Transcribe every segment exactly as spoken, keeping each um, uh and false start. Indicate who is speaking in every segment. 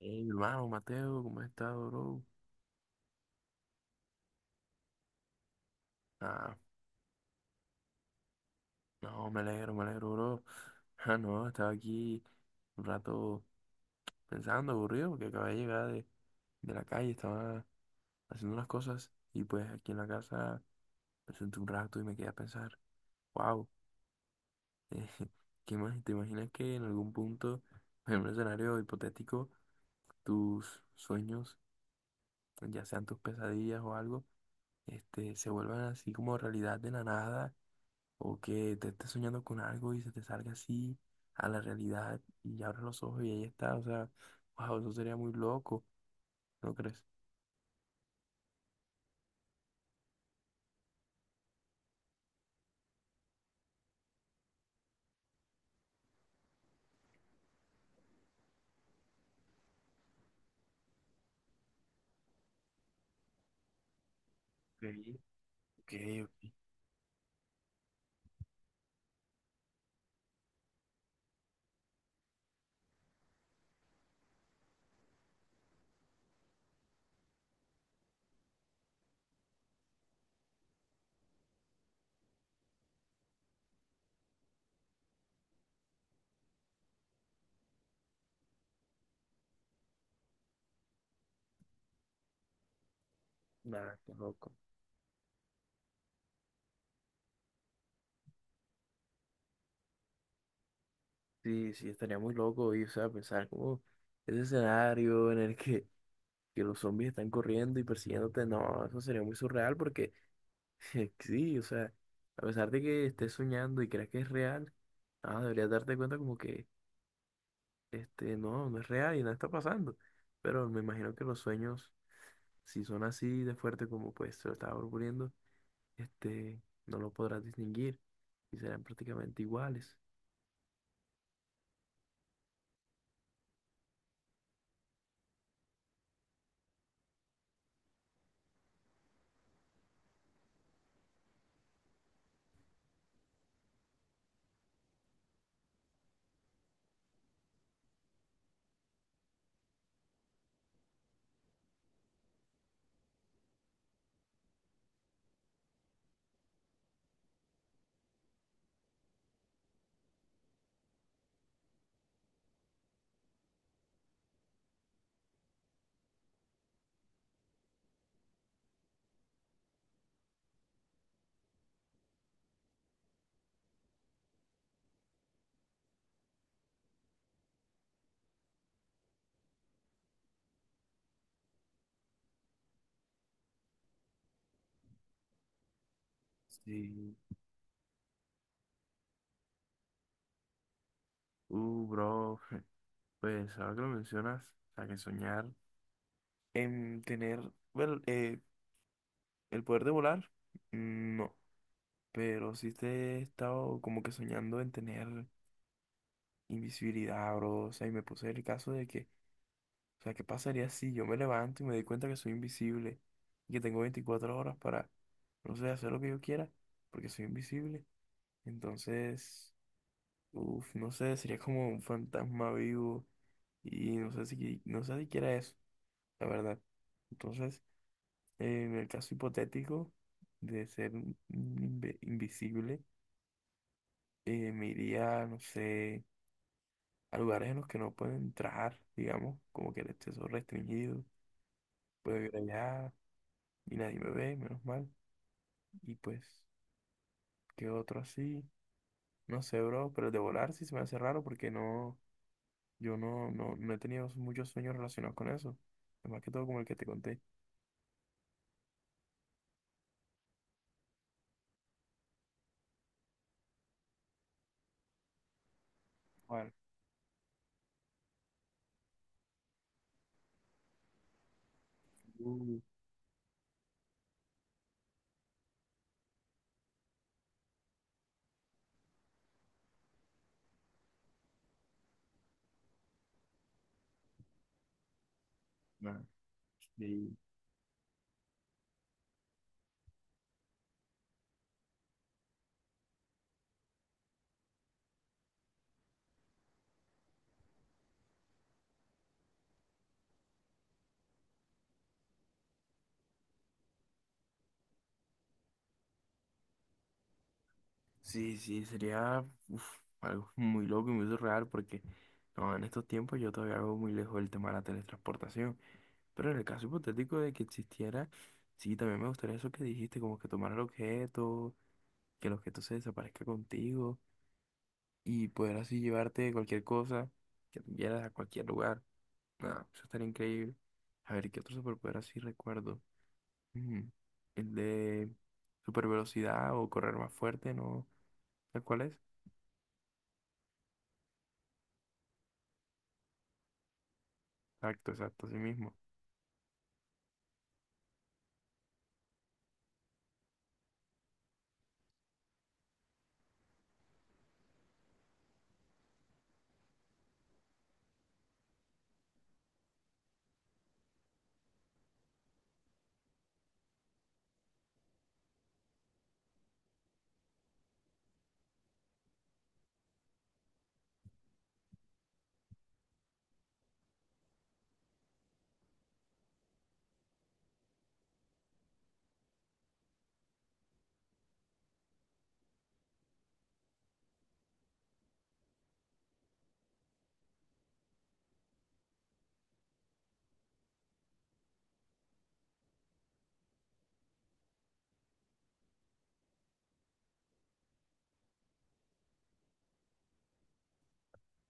Speaker 1: Hey, hermano Mateo, ¿cómo estás estado, bro? Ah, no, me alegro, me alegro, bro. Ah, no, estaba aquí un rato pensando, aburrido, porque acabé de llegar de, de la calle, estaba haciendo unas cosas y pues aquí en la casa me senté un rato y me quedé a pensar, wow. ¿Qué más? ¿Te imaginas que en algún punto, en un escenario hipotético, tus sueños, ya sean tus pesadillas o algo, este, se vuelvan así como realidad de la nada? ¿O que te estés soñando con algo y se te salga así a la realidad y abres los ojos y ahí está? O sea, wow, eso sería muy loco, ¿no crees? Sí. Ok, nada, qué loco. Sí, sí, estaría muy loco y, o sea, pensar como ese escenario en el que, que los zombies están corriendo y persiguiéndote. No, eso sería muy surreal porque, sí, o sea, a pesar de que estés soñando y creas que es real, ah, deberías darte cuenta como que Este, no, no es real y nada está pasando. Pero me imagino que los sueños, si son así de fuerte como pues se lo estaba proponiendo, este, no lo podrás distinguir y serán prácticamente iguales. Sí. Uh, bro, pues ahora que lo mencionas, o sea, que soñar en tener, bueno, eh, el poder de volar, mm, no, pero sí te he estado como que soñando en tener invisibilidad, bro. O sea, y me puse el caso de que, o sea, ¿qué pasaría si yo me levanto y me doy cuenta que soy invisible y que tengo veinticuatro horas para, no sé, hacer lo que yo quiera porque soy invisible? Entonces, uff, no sé, sería como un fantasma vivo y no sé si, no sé si quiera eso, la verdad. Entonces, eh, en el caso hipotético de ser un- un inve- invisible, eh, me iría, no sé, a lugares en los que no puedo entrar, digamos, como que el acceso restringido, puedo ir allá. Y nadie me ve, menos mal. Y pues, ¿qué otro así? No sé, bro, pero el de volar sí se me hace raro porque no, yo no, no, no he tenido muchos sueños relacionados con eso. Más que todo como el que te conté. Bueno, uh, no, sí. Sí, sí, sería uf, algo muy loco y muy surreal porque no, en estos tiempos yo todavía hago muy lejos el tema de la teletransportación. Pero en el caso hipotético de que existiera, sí, también me gustaría eso que dijiste, como que tomar el objeto, que el objeto se desaparezca contigo, y poder así llevarte cualquier cosa que tú quieras a cualquier lugar. Nada, eso estaría increíble. A ver, ¿qué otro superpoder así recuerdo? Mm, el de super velocidad o correr más fuerte, ¿no? ¿Sabes cuál es? Exacto, exacto, así mismo.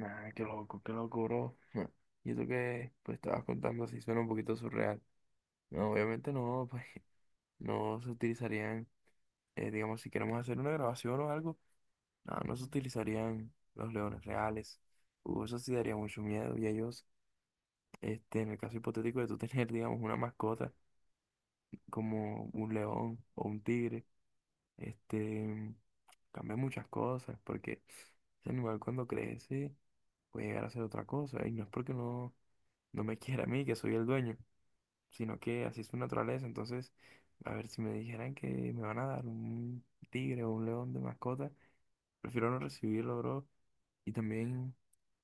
Speaker 1: Ah, qué loco, qué loco, bro. Ja. Y eso que pues estabas contando así suena un poquito surreal. No, obviamente no, pues no se utilizarían, eh, digamos, si queremos hacer una grabación o algo. No, no se utilizarían los leones reales. Uh, eso sí daría mucho miedo. Y ellos, este, en el caso hipotético de tú tener, digamos, una mascota como un león o un tigre, este, cambia muchas cosas porque ese animal cuando crece puede llegar a ser otra cosa. Y no es porque no, no me quiera a mí, que soy el dueño, sino que así es su naturaleza. Entonces, a ver si me dijeran que me van a dar un tigre o un león de mascota, prefiero no recibirlo, bro. Y también,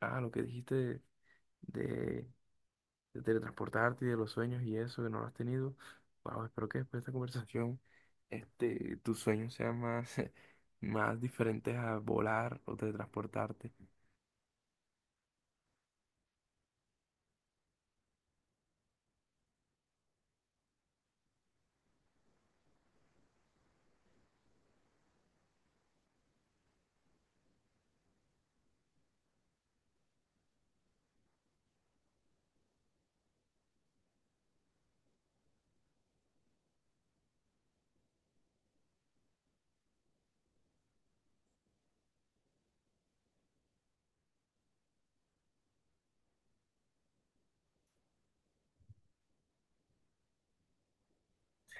Speaker 1: ah, lo que dijiste de, de- de teletransportarte y de los sueños y eso que no lo has tenido. Wow, espero que después de esta conversación, este, tus sueños sean más, más diferentes a volar o teletransportarte.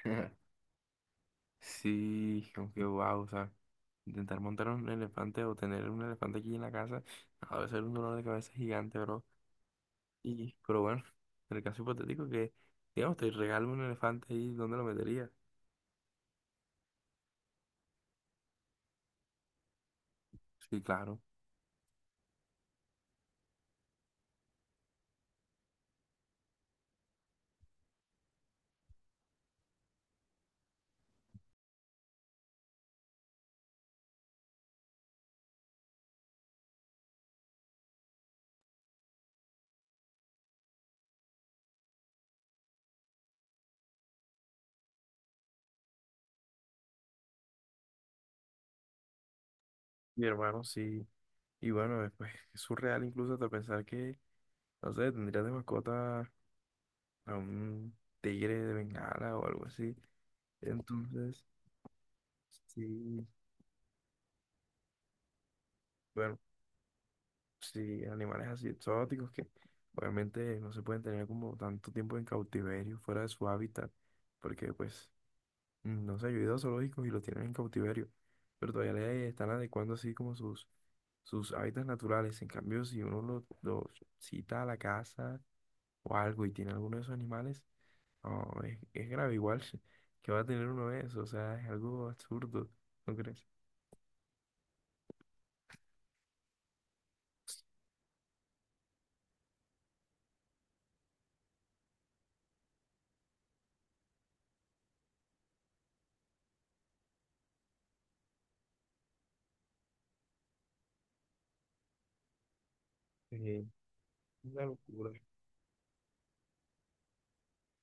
Speaker 1: Sí, aunque wow, o sea, intentar montar un elefante o tener un elefante aquí en la casa, a veces es un dolor de cabeza gigante, bro. Y, pero bueno, en el caso hipotético que, digamos, te regalo un elefante ahí, ¿dónde lo metería? Sí, claro. Mi hermano, sí. Y bueno, eh, pues es surreal incluso hasta pensar que, no sé, tendrías de mascota a un tigre de bengala o algo así. Entonces, sí, bueno, sí, animales así exóticos que obviamente no se pueden tener como tanto tiempo en cautiverio, fuera de su hábitat, porque pues mm, no sé, yo he ido a zoológicos y los tienen en cautiverio, pero todavía le están adecuando así como sus, sus hábitats naturales. En cambio, si uno los lo lo cita a la casa o algo y tiene alguno de esos animales, no, es, es grave igual que va a tener uno de esos. O sea, es algo absurdo, ¿no crees? Sí, una locura,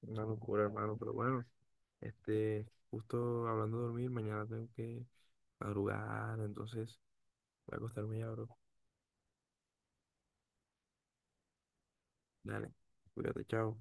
Speaker 1: una locura, hermano. Pero bueno, este, justo hablando de dormir, mañana tengo que madrugar, entonces voy a acostarme ya, bro. Dale, cuídate, chao.